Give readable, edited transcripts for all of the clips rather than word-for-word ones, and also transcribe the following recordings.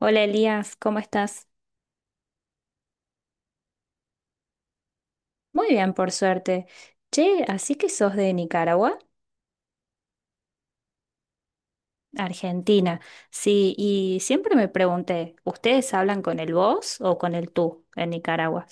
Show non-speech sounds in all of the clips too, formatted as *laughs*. Hola Elías, ¿cómo estás? Muy bien, por suerte. Che, así que sos de Nicaragua, Argentina. Sí, y siempre me pregunté, ¿ustedes hablan con el vos o con el tú en Nicaragua?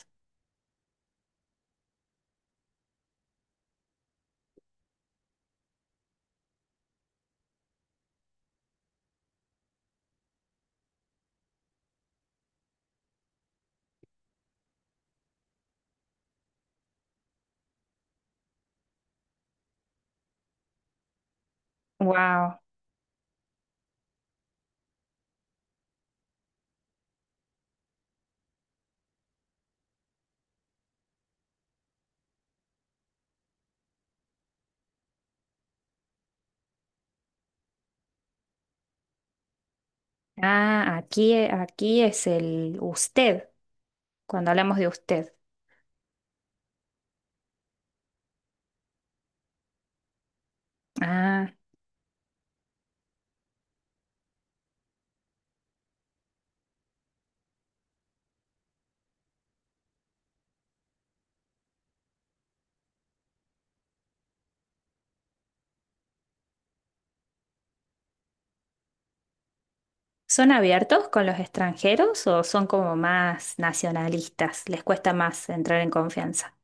Wow. Ah, aquí, aquí es el usted, cuando hablamos de usted. Ah, ¿son abiertos con los extranjeros o son como más nacionalistas? ¿Les cuesta más entrar en confianza?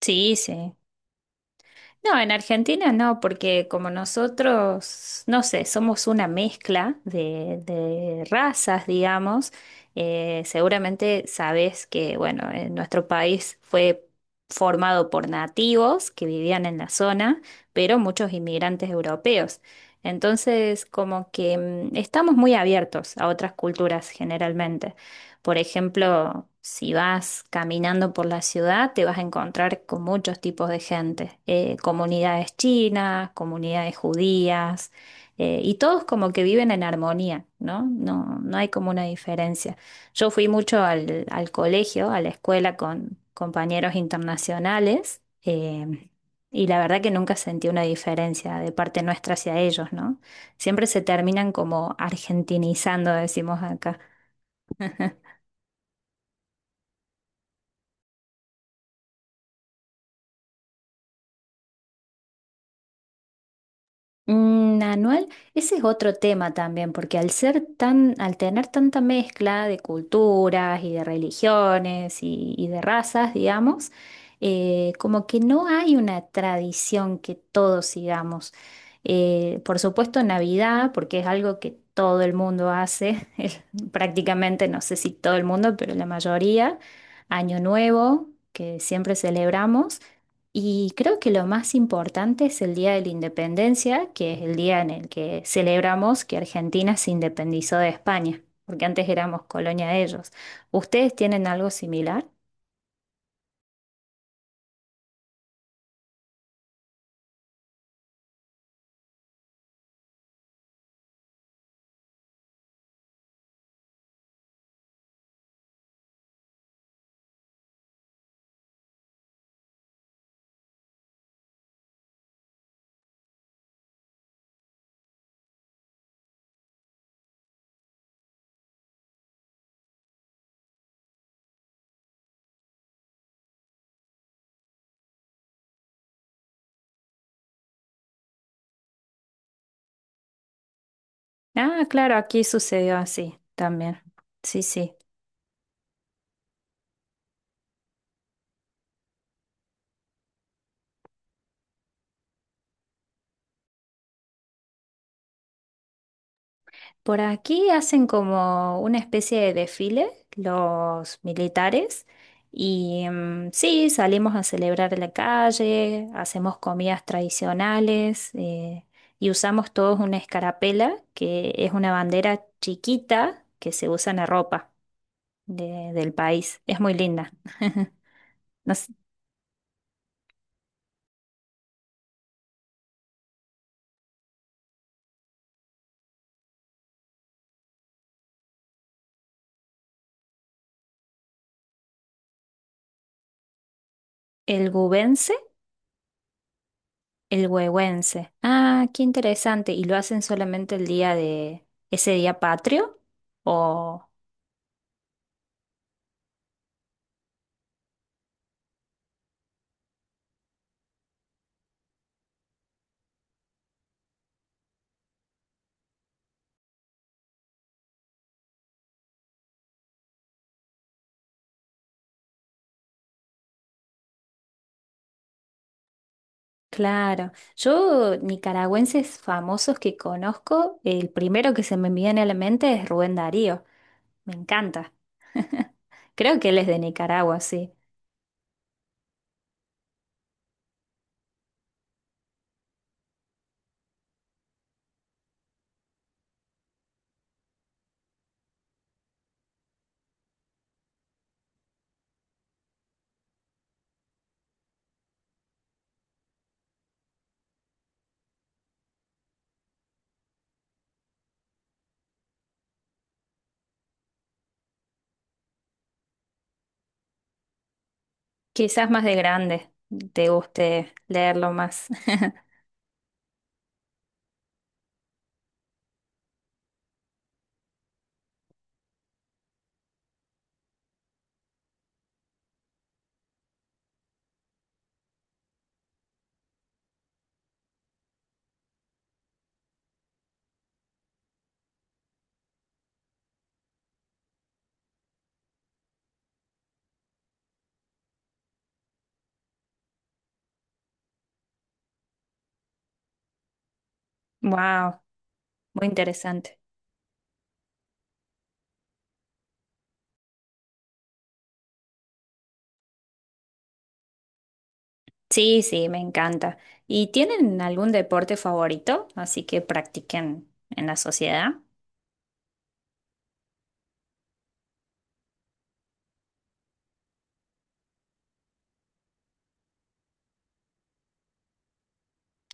Sí, sí. No, en Argentina no, porque como nosotros, no sé, somos una mezcla de razas, digamos, seguramente sabes que, bueno, en nuestro país fue formado por nativos que vivían en la zona, pero muchos inmigrantes europeos. Entonces, como que estamos muy abiertos a otras culturas generalmente. Por ejemplo, si vas caminando por la ciudad, te vas a encontrar con muchos tipos de gente, comunidades chinas, comunidades judías, y todos como que viven en armonía, ¿no? No, no hay como una diferencia. Yo fui mucho al colegio, a la escuela con compañeros internacionales, y la verdad que nunca sentí una diferencia de parte nuestra hacia ellos, ¿no? Siempre se terminan como argentinizando, decimos acá. Anual, ese es otro tema también, porque al ser tan, al tener tanta mezcla de culturas y de religiones y de razas, digamos, como que no hay una tradición que todos sigamos. Por supuesto, Navidad, porque es algo que todo el mundo hace, *laughs* es prácticamente, no sé si todo el mundo, pero la mayoría. Año Nuevo, que siempre celebramos. Y creo que lo más importante es el Día de la Independencia, que es el día en el que celebramos que Argentina se independizó de España, porque antes éramos colonia de ellos. ¿Ustedes tienen algo similar? Ah, claro, aquí sucedió así también. Sí, sí. Por aquí hacen como una especie de desfile los militares y sí, salimos a celebrar en la calle, hacemos comidas tradicionales, y usamos todos una escarapela, que es una bandera chiquita que se usa en la ropa del país. Es muy linda. *laughs* No sé, ¿el gubense? El huehuense. Ah, qué interesante. ¿Y lo hacen solamente el día de ese día patrio? ¿O...? Claro, yo nicaragüenses famosos que conozco, el primero que se me viene a la mente es Rubén Darío, me encanta. Creo que él es de Nicaragua, sí. Quizás más de grande te guste leerlo más. *laughs* Wow, muy interesante. Sí, sí, me encanta. ¿Y tienen algún deporte favorito? Así que practiquen en la sociedad.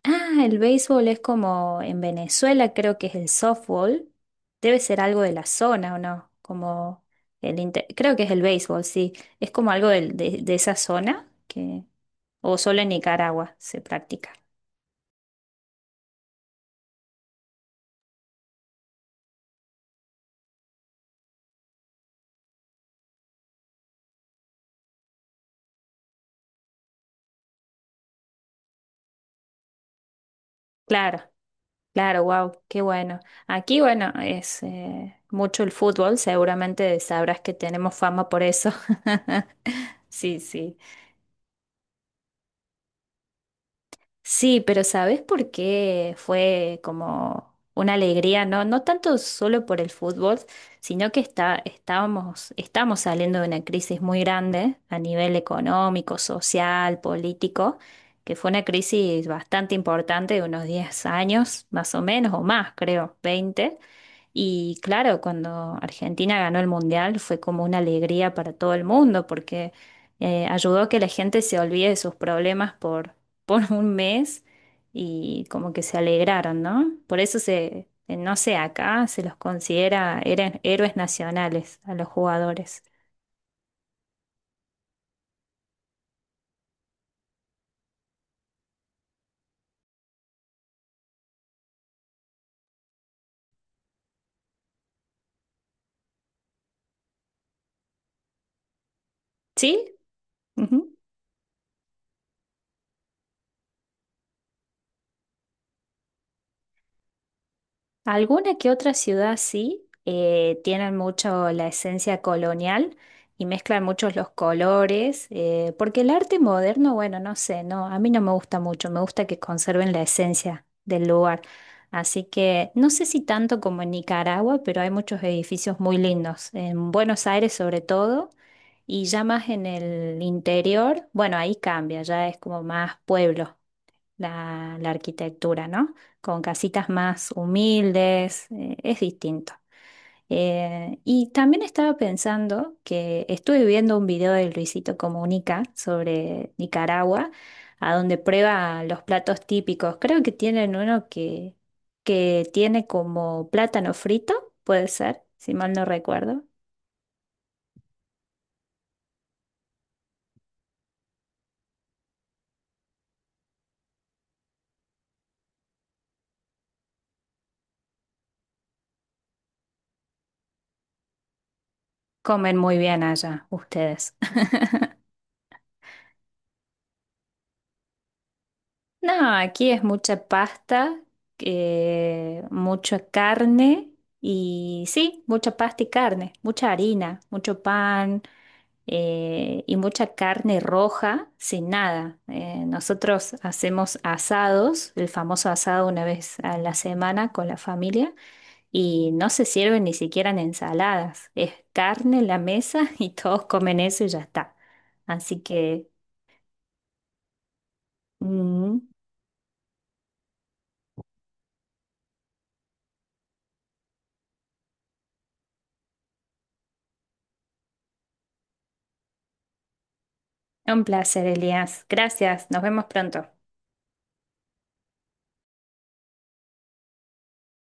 Ah, el béisbol es como en Venezuela, creo que es el softball. Debe ser algo de la zona, ¿o no? Como creo que es el béisbol, sí. Es como algo de esa zona que o solo en Nicaragua se practica. Claro, claro, wow, qué bueno. Aquí, bueno, es mucho el fútbol, seguramente sabrás que tenemos fama por eso. *laughs* Sí, sí. Sí, pero ¿sabes por qué fue como una alegría? No, no tanto solo por el fútbol, sino que estamos saliendo de una crisis muy grande a nivel económico, social, político, que fue una crisis bastante importante de unos 10 años, más o menos, o más, creo, 20. Y claro, cuando Argentina ganó el Mundial fue como una alegría para todo el mundo, porque ayudó a que la gente se olvide de sus problemas por un mes y como que se alegraron, ¿no? Por eso se, no sé, acá se los considera héroes nacionales a los jugadores. ¿Sí? Alguna que otra ciudad sí, tienen mucho la esencia colonial y mezclan muchos los colores, porque el arte moderno, bueno, no sé, no, a mí no me gusta mucho, me gusta que conserven la esencia del lugar. Así que no sé si tanto como en Nicaragua, pero hay muchos edificios muy lindos, en Buenos Aires sobre todo, y ya más en el interior, bueno, ahí cambia, ya es como más pueblo la arquitectura, ¿no? Con casitas más humildes, es distinto. Y también estaba pensando que estuve viendo un video de Luisito Comunica sobre Nicaragua, a donde prueba los platos típicos. Creo que tienen uno que tiene como plátano frito, puede ser, si mal no recuerdo. Comen muy bien allá ustedes. No, aquí es mucha pasta, mucha carne y sí, mucha pasta y carne, mucha harina, mucho pan, y mucha carne roja sin nada. Nosotros hacemos asados, el famoso asado una vez a la semana con la familia y no se sirven ni siquiera en ensaladas. Es carne en la mesa *laughs* y todos comen eso y ya está. Así que... mm, Un placer, Elías. Gracias. Nos vemos pronto.